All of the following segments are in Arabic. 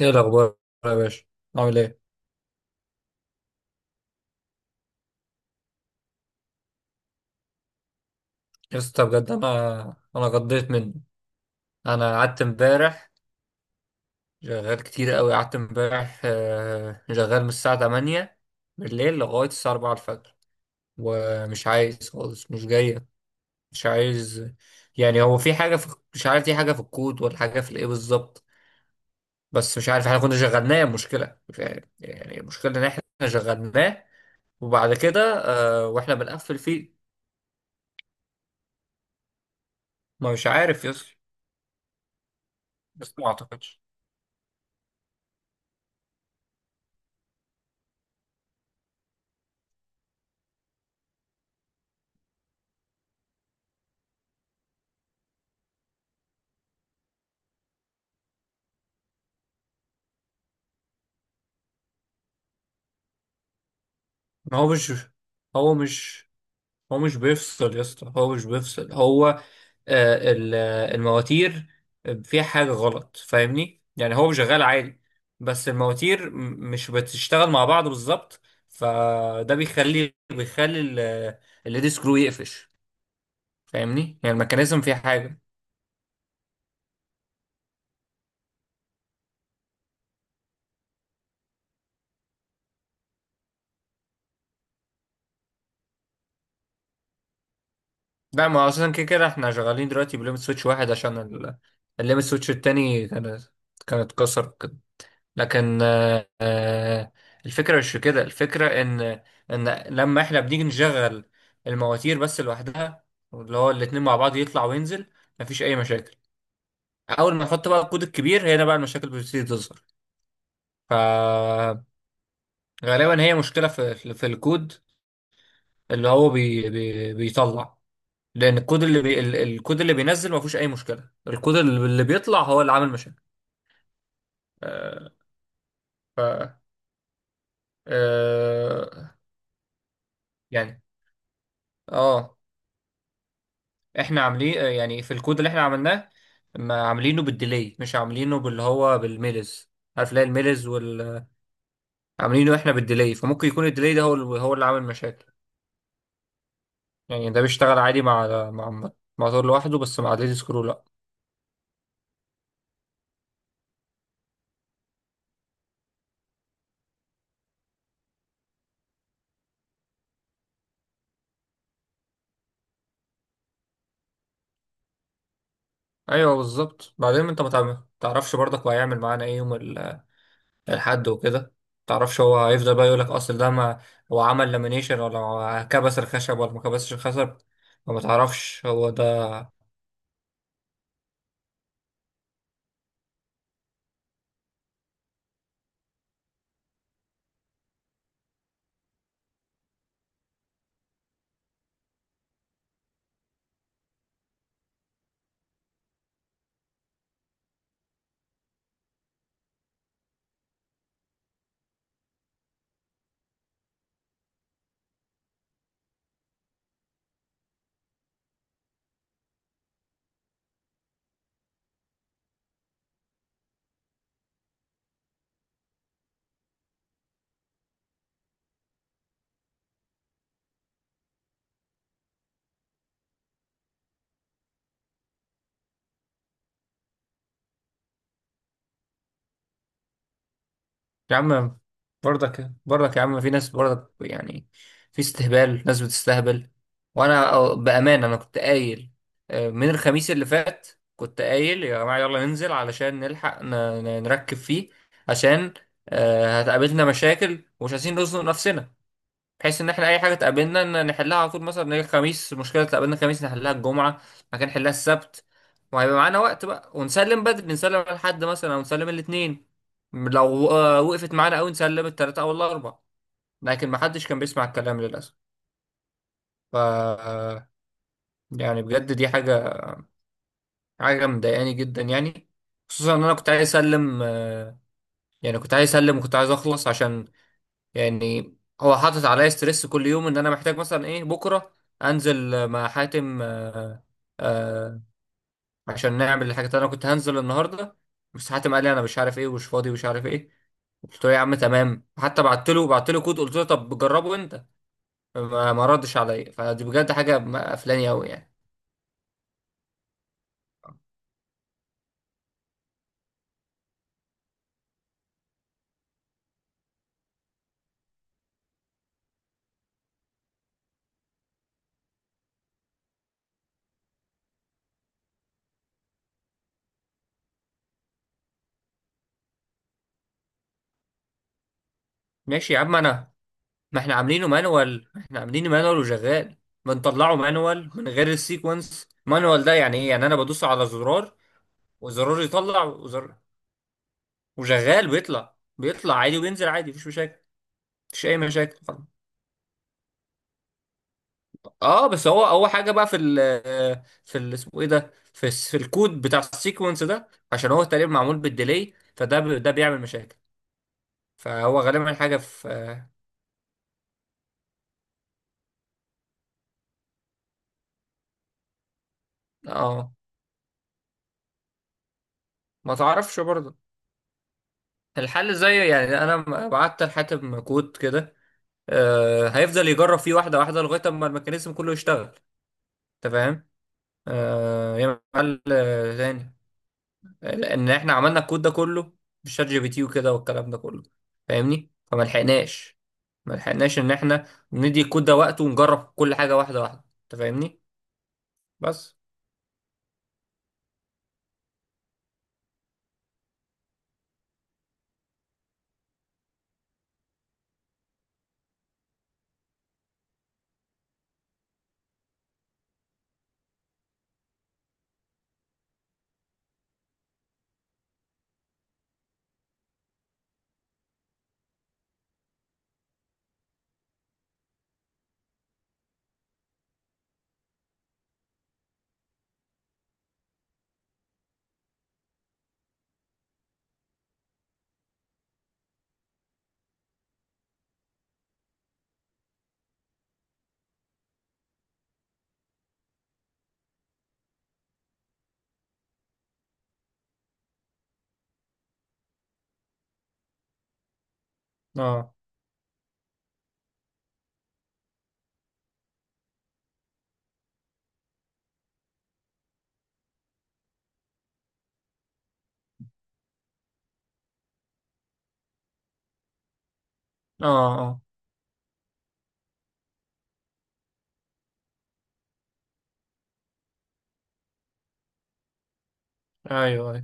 ايه الاخبار يا باشا؟ عامل ايه يا اسطى؟ بجد انا غضيت منه، انا قعدت امبارح شغال كتير قوي، قعدت امبارح، شغال من الساعه 8 بالليل لغايه الساعه 4 الفجر، ومش عايز خالص، مش جايه، مش عايز. يعني هو في حاجه، مش عارف، في حاجه في الكود ولا حاجه في الايه بالظبط. بس مش عارف، احنا كنا شغلناه، المشكله يعني المشكله ان احنا شغلناه وبعد كده، واحنا بنقفل فيه. ما مش عارف يا اسطى، بس ما اعتقدش. ما هو مش هو مش بيفصل يا اسطى، هو مش بيفصل، هو المواتير فيها حاجة غلط، فاهمني؟ يعني هو شغال عادي، بس المواتير مش بتشتغل مع بعض بالظبط، فده بيخلي الليد سكرو يقفش، فاهمني؟ يعني الميكانيزم فيها حاجة. لا، ما هو اصلا كده كده احنا شغالين دلوقتي بليمت سويتش واحد، عشان الليمت سويتش التاني كانت اتكسر، لكن الفكرة مش في كده، الفكرة إن لما إحنا بنيجي نشغل المواتير بس لوحدها، اللي هو الاتنين مع بعض يطلع وينزل، مفيش أي مشاكل. أول ما نحط بقى الكود الكبير هنا بقى المشاكل بتبتدي تظهر، فغالبا هي مشكلة في الكود، اللي هو بي بي بيطلع، لأن الكود الكود اللي بينزل مفيهوش أي مشكلة، الكود اللي بيطلع هو اللي عامل مشاكل آه، ف آه، يعني اه احنا عاملين، يعني، في الكود اللي احنا عملناه ما عاملينه بالديلي، مش عاملينه باللي هو بالميلز. عارف ليه الميلز وال عاملينه احنا بالديلي، فممكن يكون الديلي ده هو اللي عامل مشاكل. يعني ده بيشتغل عادي مع مع موتور لوحده، بس مع ديلي سكرو لا. ايوه بالظبط. بعدين انت ما تع- تعرفش برضك هو هيعمل معانا ايه يوم الحد وكده، ما تعرفش هو هيفضل بقى يقول لك اصل ده، ما هو عمل لامينيشن ولا كبس الخشب ولا ما كبسش الخشب، وما تعرفش هو. يا عم، برضك برضك يا عم، في ناس برضك يعني، في استهبال، ناس بتستهبل. وانا بامانه انا كنت قايل من الخميس اللي فات، كنت قايل يا جماعه يلا ننزل علشان نلحق نركب فيه، عشان هتقابلنا مشاكل ومش عايزين نزنق نفسنا، بحيث ان احنا اي حاجه تقابلنا ان نحلها على طول. مثلا نيجي الخميس، مشكله تقابلنا الخميس نحلها الجمعه، مكان نحلها السبت، وهيبقى معانا وقت بقى ونسلم بدري، نسلم على الحد مثلا او نسلم الاثنين. لو وقفت معانا قوي نسلم الثلاثه او الاربعه، لكن ما حدش كان بيسمع الكلام للاسف. ف يعني بجد دي حاجه، حاجه مضايقاني جدا يعني، خصوصا ان انا كنت عايز اسلم. يعني كنت عايز اسلم وكنت عايز اخلص، عشان يعني هو حاطط عليا ستريس كل يوم، ان انا محتاج مثلا ايه، بكره انزل مع حاتم آه عشان نعمل الحاجات اللي انا كنت هنزل النهارده، بس حاتم قال لي انا مش عارف ايه ومش فاضي ومش عارف ايه. قلت له يا عم تمام، حتى بعت له كود، قلت له طب جربه انت، ما ردش عليا، فدي بجد حاجه قفلاني قوي يعني. ماشي يا عم انا، ما احنا عاملينه مانوال، احنا عاملينه مانوال وشغال، بنطلعه مانوال من غير السيكونس. مانوال ده يعني ايه؟ يعني انا بدوس على زرار وزرار يطلع وشغال، بيطلع عادي وبينزل عادي، مفيش مشاكل، مفيش اي مشاكل خالص. اه، بس هو اول حاجه بقى في ال في ال اسمه ايه ده، في الكود بتاع السيكونس ده، عشان هو تقريبا معمول بالديلي، فده ده بيعمل مشاكل، فهو غالبا حاجه في اه آه، ما تعرفش برضه. الحل زي يعني انا بعت لحاتم كود كده، آه هيفضل يجرب فيه واحده واحده لغايه اما الميكانيزم كله يشتغل، انت فاهم؟ آه يعمل حل تاني، لان احنا عملنا الكود ده كله بالشات جي بي تي وكده والكلام ده كله، فاهمني؟ فما لحقناش، ما لحقناش ان احنا ندي الكود ده وقته ونجرب كل حاجه واحده واحده، انت فاهمني؟ بس اه اه اه ايوه، ايوه،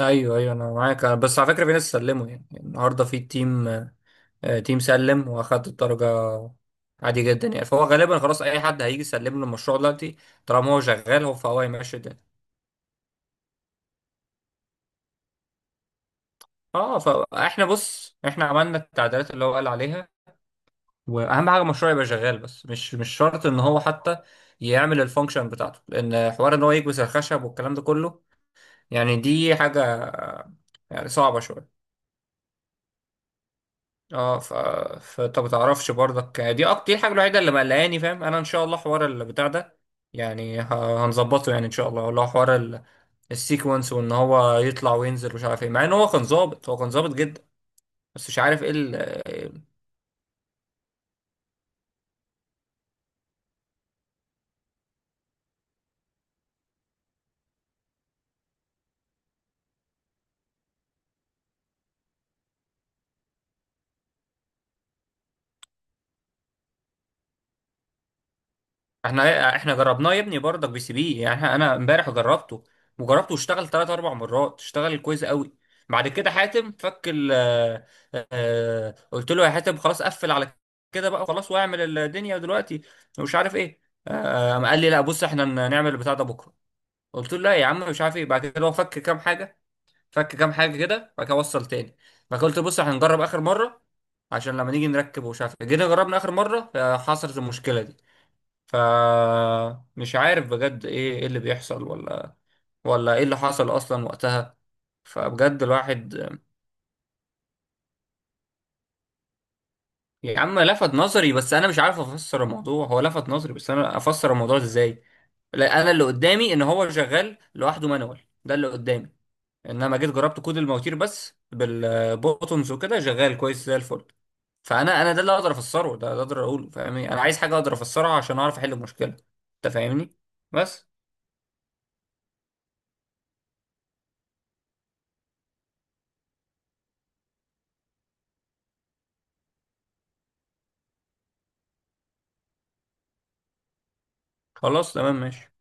ايوه، ايوه انا معاك، بس على فكره، في ناس سلموا يعني النهارده، في تيم، تيم سلم واخد الدرجه عادي جدا يعني، فهو غالبا خلاص اي حد هيجي يسلم له المشروع دلوقتي، طالما هو شغال، هو فهو هيمشي الدنيا. اه، فاحنا بص، احنا عملنا التعديلات اللي هو قال عليها، واهم حاجه المشروع يبقى شغال، بس مش شرط ان هو حتى يعمل الفانكشن بتاعته، لان حوار ان هو يكبس الخشب والكلام ده كله، يعني دي حاجه يعني صعبه شويه. اه ف... فانت ما تعرفش برضك، دي اكتر، دي الحاجه الوحيده اللي مقلقاني، فاهم؟ انا ان شاء الله حوار البتاع ده يعني هنظبطه يعني ان شاء الله، اللي هو حوار السيكونس، وان هو يطلع وينزل مش عارف ايه، مع ان هو كان ظابط، هو كان ظابط جدا، بس مش عارف ايه. احنا احنا جربناه يا ابني برضك بي سي بي يعني، انا امبارح جربته، وجربته واشتغل ثلاث اربع مرات، اشتغل كويس قوي. بعد كده حاتم فك ال آه، آه، قلت له يا حاتم خلاص قفل على كده بقى خلاص، واعمل الدنيا دلوقتي ومش عارف ايه، قام قال لي لا، بص احنا نعمل البتاع ده بكره. قلت له لا يا عم، مش عارف ايه، بعد كده هو فك كام حاجه، كده، بعد كده وصل تاني، بعد كده قلت له بص احنا هنجرب اخر مره، عشان لما نيجي نركب ومش عارف إيه. جينا جربنا اخر مره، حصلت المشكله دي، فمش عارف بجد ايه، اللي بيحصل، ولا ايه اللي حصل اصلا وقتها. فبجد الواحد، يا عم لفت نظري، بس انا مش عارف افسر الموضوع، هو لفت نظري، بس انا افسر الموضوع ده ازاي؟ لا، انا اللي قدامي ان هو شغال لوحده مانوال، ده اللي قدامي، انما جيت جربت كود المواتير بس بالبوتونز وكده، شغال كويس زي الفل، فانا، ده اللي اقدر افسره، ده اقدر اقوله، فاهمني؟ انا عايز حاجه اقدر افسرها عشان اعرف احل المشكله، انت فاهمني؟ بس خلاص تمام ماشي.